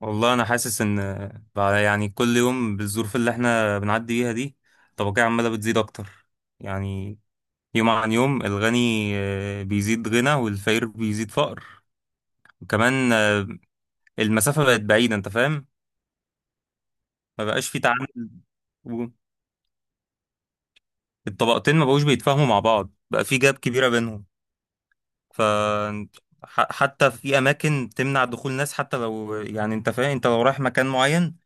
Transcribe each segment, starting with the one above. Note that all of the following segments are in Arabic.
والله انا حاسس ان بعد يعني كل يوم بالظروف اللي احنا بنعدي بيها دي، الطبقية عمالة بتزيد اكتر. يعني يوم عن يوم الغني بيزيد غنى، والفقير بيزيد فقر. وكمان المسافة بقت بعيدة، انت فاهم. ما بقاش في تعامل. و- الطبقتين ما بقوش بيتفاهموا مع بعض، بقى في جاب كبيرة بينهم. ف حتى في اماكن تمنع دخول ناس، حتى لو يعني انت فاهم، انت لو رايح مكان معين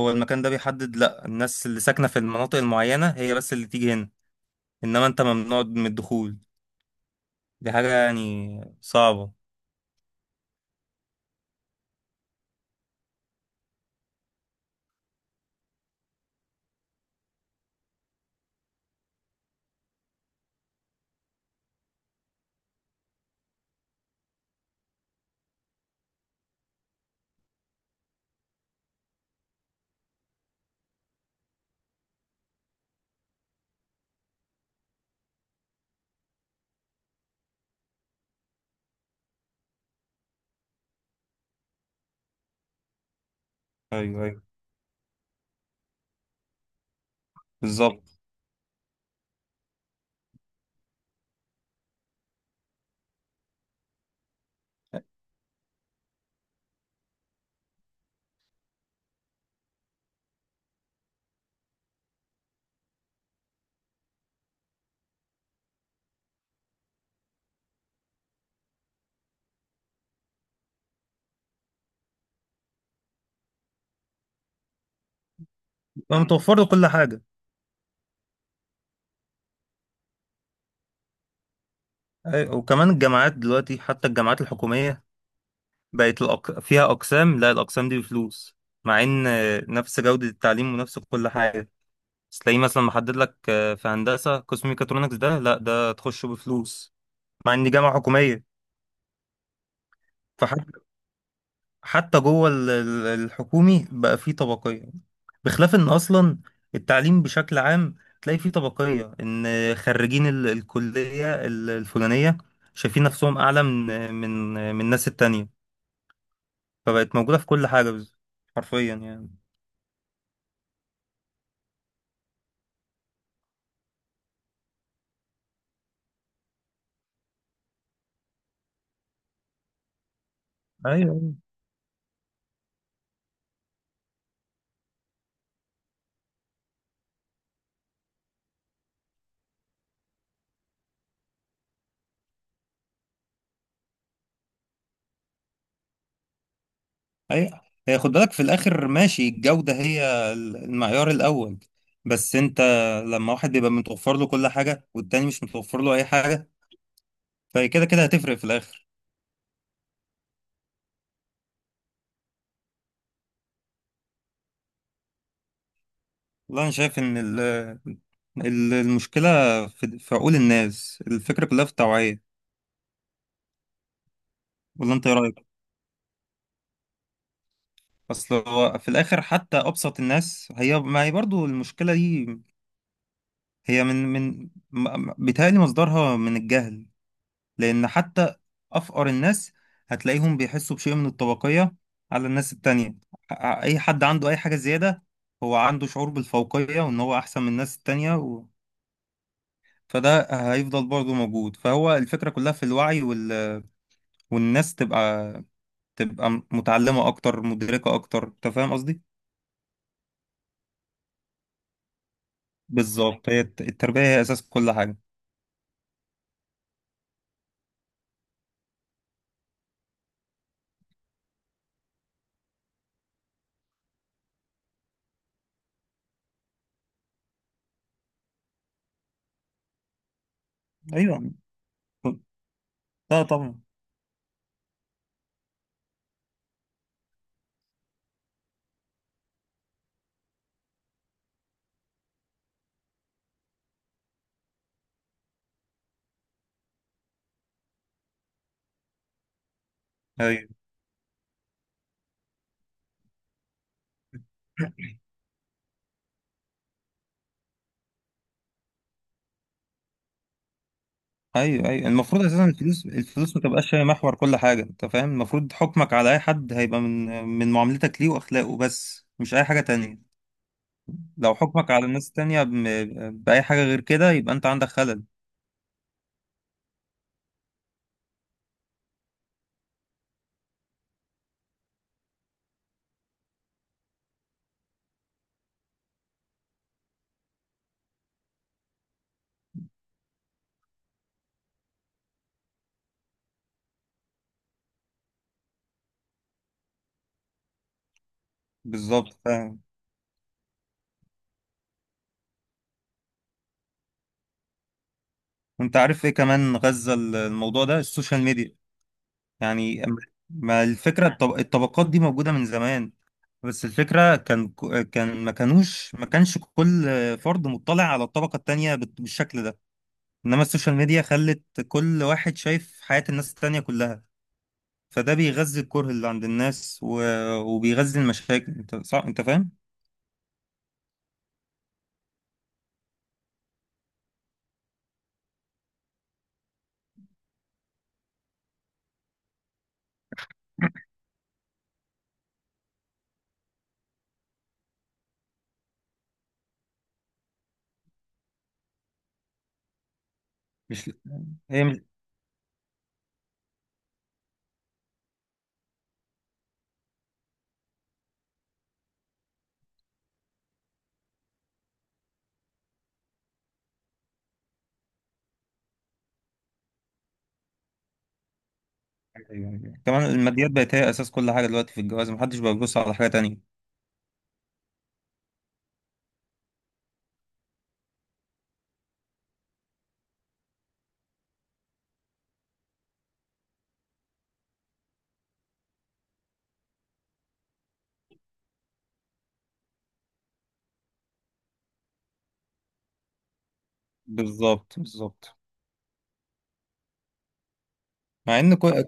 هو المكان ده بيحدد، لا الناس اللي ساكنة في المناطق المعينة هي بس اللي تيجي هنا، انما انت ممنوع من الدخول. دي حاجة يعني صعبة. ايوه، ايوه، بالظبط. بقى متوفر له كل حاجة. أيوة. وكمان الجامعات دلوقتي، حتى الجامعات الحكومية بقت فيها أقسام، لا الأقسام دي بفلوس، مع إن نفس جودة التعليم ونفس كل حاجة. بس تلاقيه مثلا محدد لك في هندسة قسم ميكاترونكس ده، لا ده تخشه بفلوس، مع إن دي جامعة حكومية. فحتى جوه الحكومي بقى فيه طبقية. بخلاف ان اصلا التعليم بشكل عام تلاقي فيه طبقية، ان خريجين الكلية الفلانية شايفين نفسهم اعلى من الناس التانية. فبقت موجودة في كل حاجة، حرفيا يعني. ايوه، ايوه. هي خد بالك، في الاخر ماشي الجودة هي المعيار الاول. بس انت لما واحد بيبقى متوفر له كل حاجة والتاني مش متوفر له اي حاجة، فكده كده هتفرق في الاخر. والله أنا شايف إن المشكلة في عقول الناس، الفكرة كلها في التوعية. ولا أنت إيه رأيك؟ أصل هو في الآخر حتى أبسط الناس هي، ما هي برضو المشكلة دي هي بيتهيألي مصدرها من الجهل. لأن حتى أفقر الناس هتلاقيهم بيحسوا بشيء من الطبقية على الناس التانية. أي حد عنده أي حاجة زيادة هو عنده شعور بالفوقية وإن هو أحسن من الناس التانية فده هيفضل برضه موجود. فهو الفكرة كلها في الوعي، والناس تبقى متعلمة أكتر، مدركة أكتر، أنت فاهم قصدي؟ بالظبط. هي التربية هي أساس كل حاجة. أيوه. لا طبعا. أيوه، أيوه، أيوه. المفروض أساسا الفلوس، الفلوس ما تبقاش هي محور كل حاجة، أنت فاهم؟ المفروض حكمك على أي حد هيبقى من معاملتك ليه وأخلاقه بس، مش أي حاجة تانية. لو حكمك على الناس التانية بأي حاجة غير كده يبقى أنت عندك خلل. بالظبط، فاهم. وأنت عارف إيه كمان غزة الموضوع ده السوشيال ميديا يعني ما الفكرة الطبقات دي موجودة من زمان، بس الفكرة كان ما كانش كل فرد مطلع على الطبقة التانية بالشكل ده. إنما السوشيال ميديا خلت كل واحد شايف حياة الناس التانية كلها، فده بيغذي الكره اللي عند الناس وبيغذي المشاكل، انت صح انت فاهم. مش هي مش... يعني كمان الماديات بقت هي اساس كل حاجة دلوقتي في الجواز، محدش بقى بيبص على حاجة تانية. بالظبط، بالظبط. مع ان كل...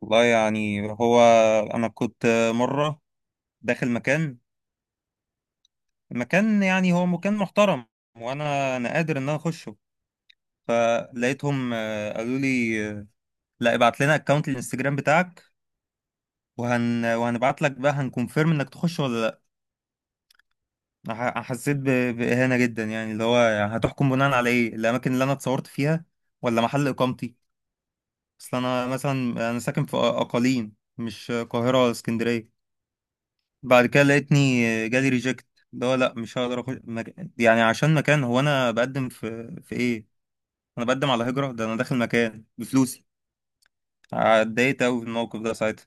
والله يعني هو انا كنت مره داخل مكان، يعني هو مكان محترم، وانا قادر ان انا اخشه. فلقيتهم قالوا لي لا، ابعت لنا اكونت الانستجرام بتاعك وهنبعت لك بقى هنكونفيرم انك تخش ولا لا. أنا حسيت باهانه جدا، يعني اللي هو يعني هتحكم بناء على ايه؟ الاماكن اللي انا اتصورت فيها ولا محل اقامتي؟ اصل انا مثلا انا ساكن في اقاليم، مش قاهره ولا اسكندريه. بعد كده لقيتني جالي ريجكت، اللي هو لا مش هقدر اخش يعني عشان مكان، هو انا بقدم في ايه؟ انا بقدم على هجرة؟ ده انا داخل مكان بفلوسي. اتضايقت قوي في الموقف ده ساعتها.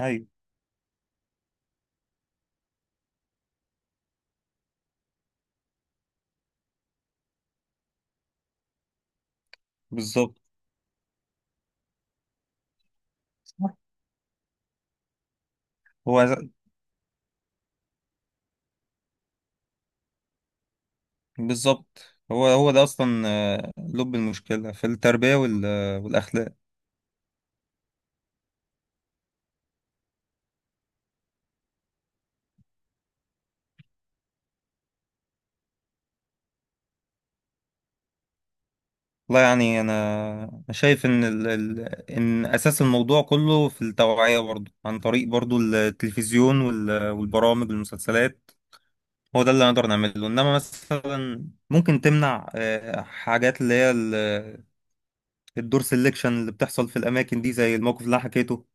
ايوه، بالظبط. هو ز- بالظبط، هو ده اصلا لب المشكله في التربيه والاخلاق. والله يعني انا، أنا شايف ان اساس الموضوع كله في التوعيه برضه، عن طريق برضه التلفزيون والبرامج والمسلسلات. هو ده اللي نقدر نعمله. انما مثلا ممكن تمنع حاجات اللي هي الدور سيلكشن اللي بتحصل في الاماكن دي، زي الموقف اللي أنا حكيته.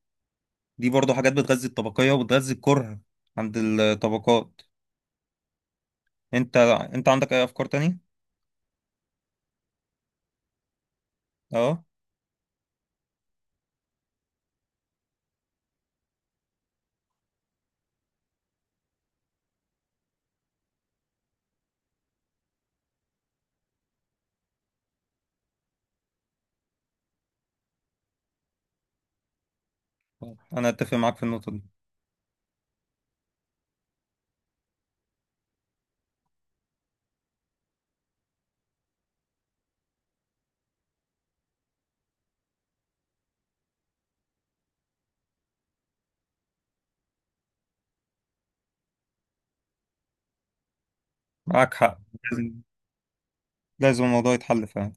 دي برضو حاجات بتغذي الطبقية وبتغذي الكره عند الطبقات. انت عندك اي افكار تانية؟ اه. انا اتفق معاك في النقطة دي. معاك حق. لازم، لازم الموضوع يتحل فعلا.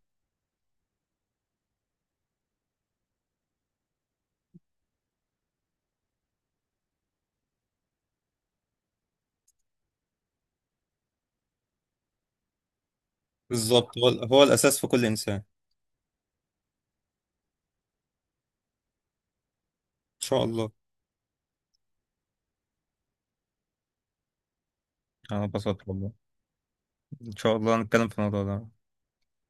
بالظبط، هو الأساس في كل إنسان. إن شاء الله. انا اتبسطت والله. ان شاء الله هنتكلم في الموضوع ده.